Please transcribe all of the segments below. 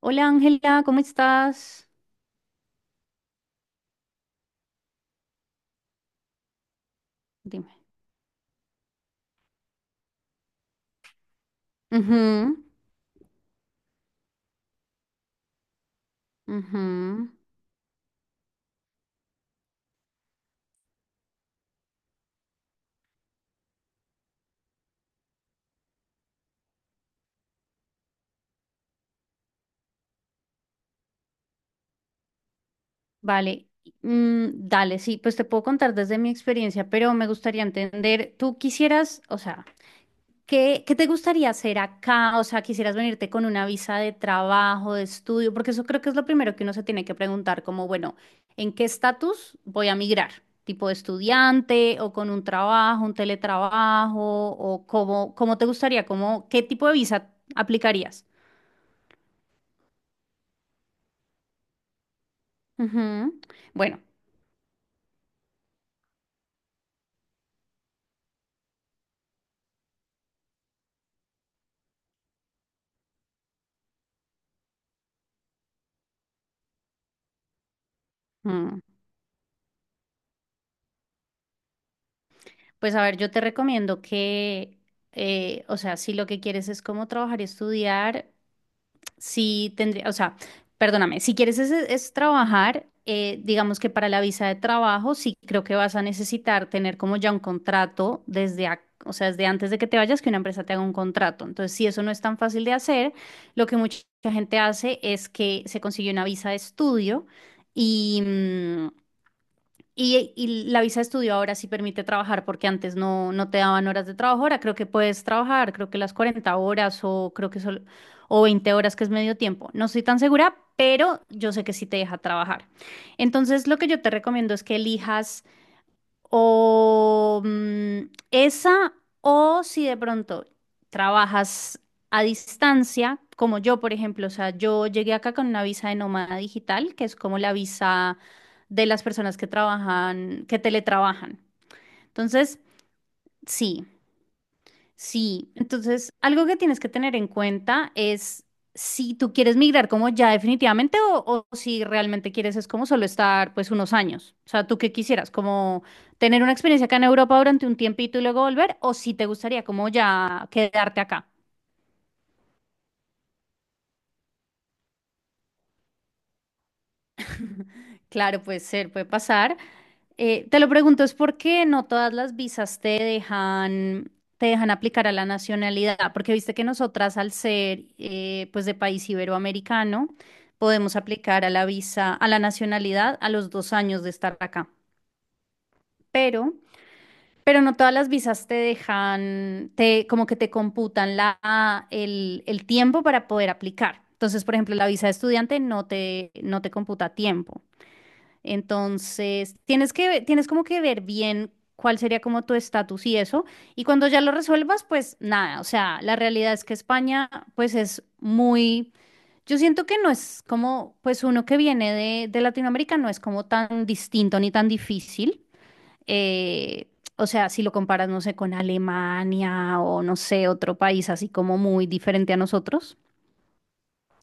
Hola Ángela, ¿cómo estás? Dime. Ujú, ujú. Vale, Mm, dale, sí, pues te puedo contar desde mi experiencia, pero me gustaría entender, tú quisieras, o sea, ¿Qué te gustaría hacer acá? O sea, ¿quisieras venirte con una visa de trabajo, de estudio? Porque eso creo que es lo primero que uno se tiene que preguntar, como, bueno, ¿en qué estatus voy a migrar? ¿Tipo de estudiante o con un trabajo, un teletrabajo? ¿O cómo te gustaría? ¿ qué tipo de visa aplicarías? Ujú. Bueno, mm, pues a ver, yo te recomiendo que, o sea, si lo que quieres es como trabajar y estudiar, sí tendría, o sea, perdóname, si quieres es trabajar, digamos que para la visa de trabajo, sí creo que vas a necesitar tener como ya un contrato o sea, desde antes de que te vayas, que una empresa te haga un contrato. Entonces, si eso no es tan fácil de hacer, lo que mucha gente hace es que se consigue una visa de estudio. Y, mm, y la visa de estudio ahora sí permite trabajar porque antes no te daban horas de trabajo. Ahora creo que puedes trabajar, creo que las 40 horas o creo que solo, o 20 horas que es medio tiempo. No estoy tan segura, pero yo sé que sí te deja trabajar. Entonces, lo que yo te recomiendo es que elijas o esa, o si de pronto trabajas a distancia, como yo, por ejemplo, o sea, yo llegué acá con una visa de nómada digital, que es como la visa de las personas que trabajan, que teletrabajan. Entonces, sí. Sí, entonces algo que tienes que tener en cuenta es si tú quieres migrar como ya definitivamente o si realmente quieres es como solo estar pues unos años. O sea, ¿tú qué quisieras? ¿Como tener una experiencia acá en Europa durante un tiempito y luego volver? ¿O si te gustaría como ya quedarte acá? Claro, puede ser, puede pasar. Te lo pregunto, es porque no todas las visas te dejan aplicar a la nacionalidad, porque viste que nosotras al ser pues de país iberoamericano podemos aplicar a la visa, a la nacionalidad a los 2 años de estar acá, pero, pero no todas las visas te dejan, como que te computan el tiempo para poder aplicar. Entonces, por ejemplo, la visa de estudiante no te computa tiempo. Entonces, tienes que, tienes como que ver bien cuál sería como tu estatus y eso. Y cuando ya lo resuelvas, pues nada, o sea, la realidad es que España, pues es muy, yo siento que no es como, pues uno que viene de Latinoamérica no es como tan distinto ni tan difícil. Eh, o sea, si lo comparas, no sé, con Alemania o no sé, otro país así como muy diferente a nosotros.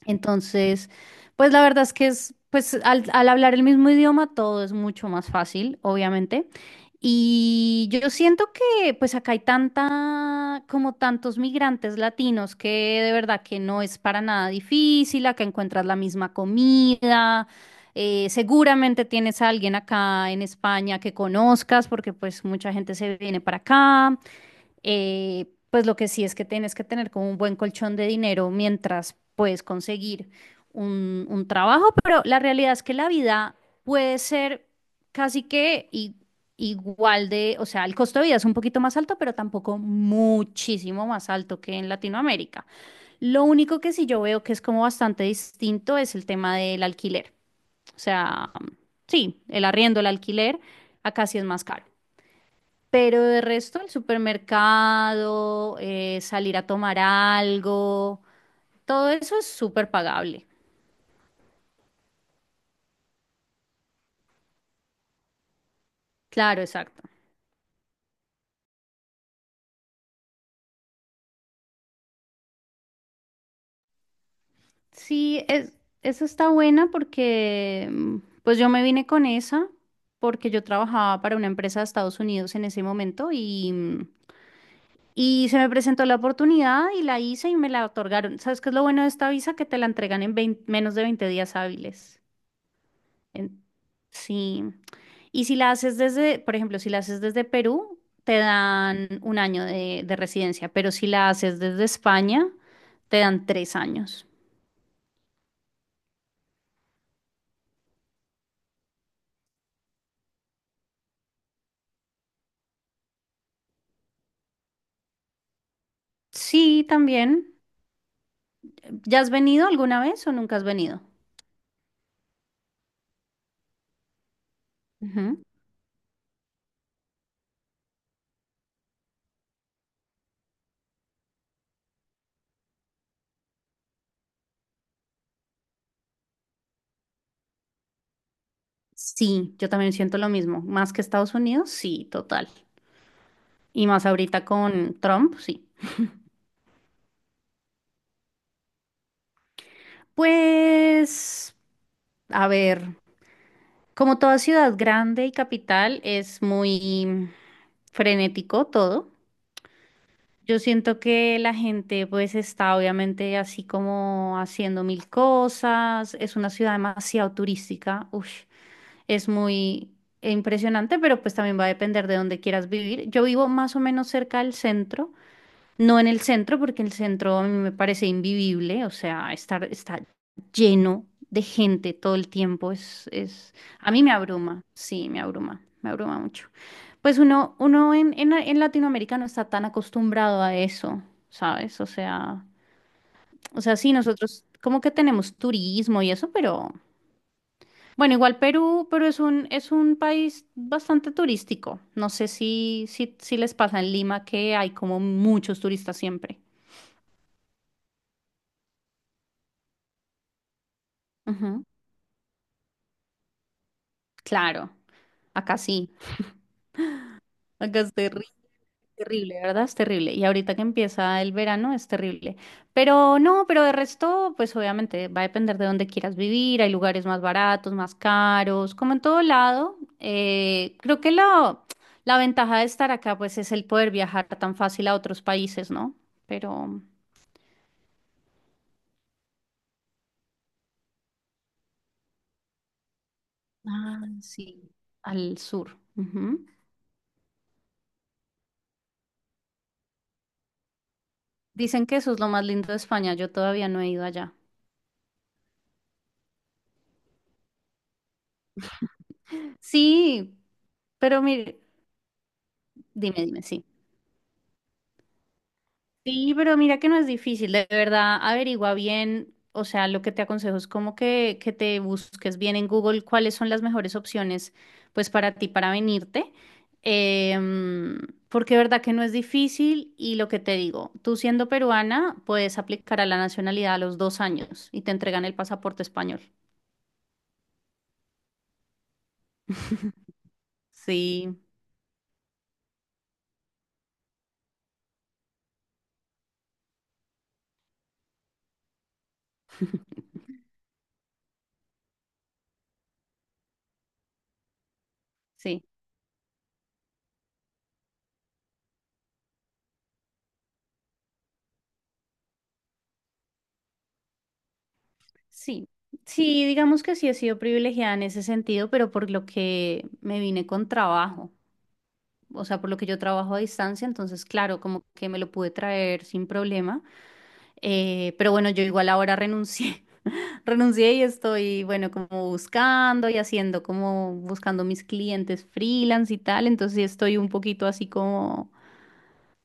Entonces, pues la verdad es que es, pues al hablar el mismo idioma todo es mucho más fácil, obviamente. Y yo siento que pues acá hay tanta, como tantos migrantes latinos que de verdad que no es para nada difícil, acá encuentras la misma comida, seguramente tienes a alguien acá en España que conozcas porque pues mucha gente se viene para acá pues lo que sí es que tienes que tener como un buen colchón de dinero mientras puedes conseguir un trabajo, pero la realidad es que la vida puede ser casi que igual de, o sea, el costo de vida es un poquito más alto, pero tampoco muchísimo más alto que en Latinoamérica. Lo único que sí yo veo que es como bastante distinto es el tema del alquiler. O sea, sí, el arriendo, el alquiler, acá sí es más caro. Pero de resto, el supermercado, salir a tomar algo, todo eso es súper pagable. Claro, exacto. Sí, es, eso está buena porque pues yo me vine con esa porque yo trabajaba para una empresa de Estados Unidos en ese momento y se me presentó la oportunidad y la hice y me la otorgaron. ¿Sabes qué es lo bueno de esta visa? Que te la entregan en 20 menos de 20 días hábiles. En- sí. Y si la haces desde, por ejemplo, si la haces desde Perú, te dan un año de residencia, pero si la haces desde España, te dan 3 años. Sí, también. ¿Ya has venido alguna vez o nunca has venido? Ujú. Sí, yo también siento lo mismo. Más que Estados Unidos, sí, total. Y más ahorita con Trump, sí. Pues, a ver, como toda ciudad grande y capital, es muy frenético todo. Yo siento que la gente pues está obviamente así como haciendo mil cosas, es una ciudad demasiado turística, Ush, es muy impresionante, pero pues también va a depender de dónde quieras vivir. Yo vivo más o menos cerca del centro, no en el centro, porque el centro a mí me parece invivible, o sea, está lleno de gente todo el tiempo a mí me abruma, sí, me abruma mucho. Pues uno en, en Latinoamérica no está tan acostumbrado a eso, ¿sabes? O sea, sí, nosotros como que tenemos turismo y eso, pero bueno, igual Perú, pero es un, país bastante turístico. No sé si les pasa en Lima que hay como muchos turistas siempre. Ujú. Claro, acá sí, acá es terrible, ¿verdad? Es terrible. Y ahorita que empieza el verano es terrible. Pero no, pero de resto, pues obviamente va a depender de dónde quieras vivir. Hay lugares más baratos, más caros, como en todo lado. Creo que la ventaja de estar acá, pues es el poder viajar tan fácil a otros países, ¿no? Pero, ah, sí, al sur. Ujú. Dicen que eso es lo más lindo de España. Yo todavía no he ido allá. Sí, pero mire. Dime, dime, sí. Sí, pero mira que no es difícil, de verdad, averigua bien, o sea, lo que te aconsejo es como que te busques bien en Google cuáles son las mejores opciones, pues para ti, para venirte, em, porque de verdad que no es difícil y lo que te digo, tú siendo peruana puedes aplicar a la nacionalidad a los dos años y te entregan el pasaporte español. Sí, sí, sí. Sí, digamos que sí he sido privilegiada en ese sentido, pero por lo que me vine con trabajo. O sea, por lo que yo trabajo a distancia, entonces, claro, como que me lo pude traer sin problema, pero bueno, yo igual ahora renuncié, renuncié y estoy, bueno, como buscando y haciendo, como buscando mis clientes freelance y tal, entonces sí estoy un poquito así como,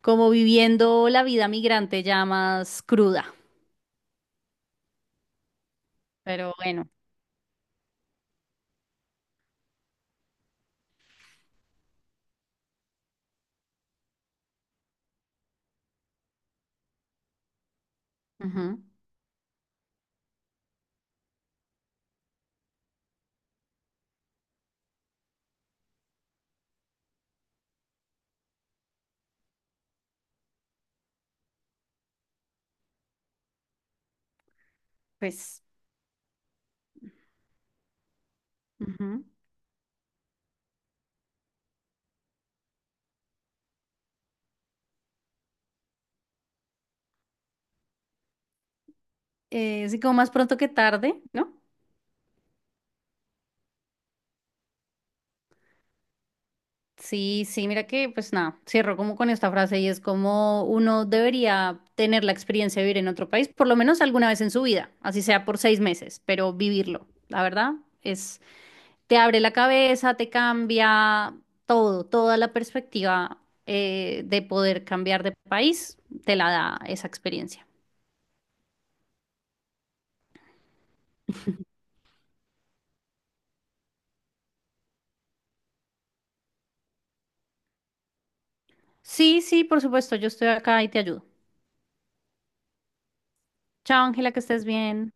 como viviendo la vida migrante ya más cruda, pero bueno, ujú, pues, ujú. Sí, como más pronto que tarde, ¿no? Sí, sí, mira que pues nada, cierro como con esta frase y es como uno debería tener la experiencia de vivir en otro país, por lo menos alguna vez en su vida, así sea por 6 meses, pero vivirlo, la verdad, es, te abre la cabeza, te cambia todo, toda la perspectiva de poder cambiar de país, te la da esa experiencia. Sí, sí, por supuesto, yo estoy acá y te ayudo. Chao, Ángela, que estés bien.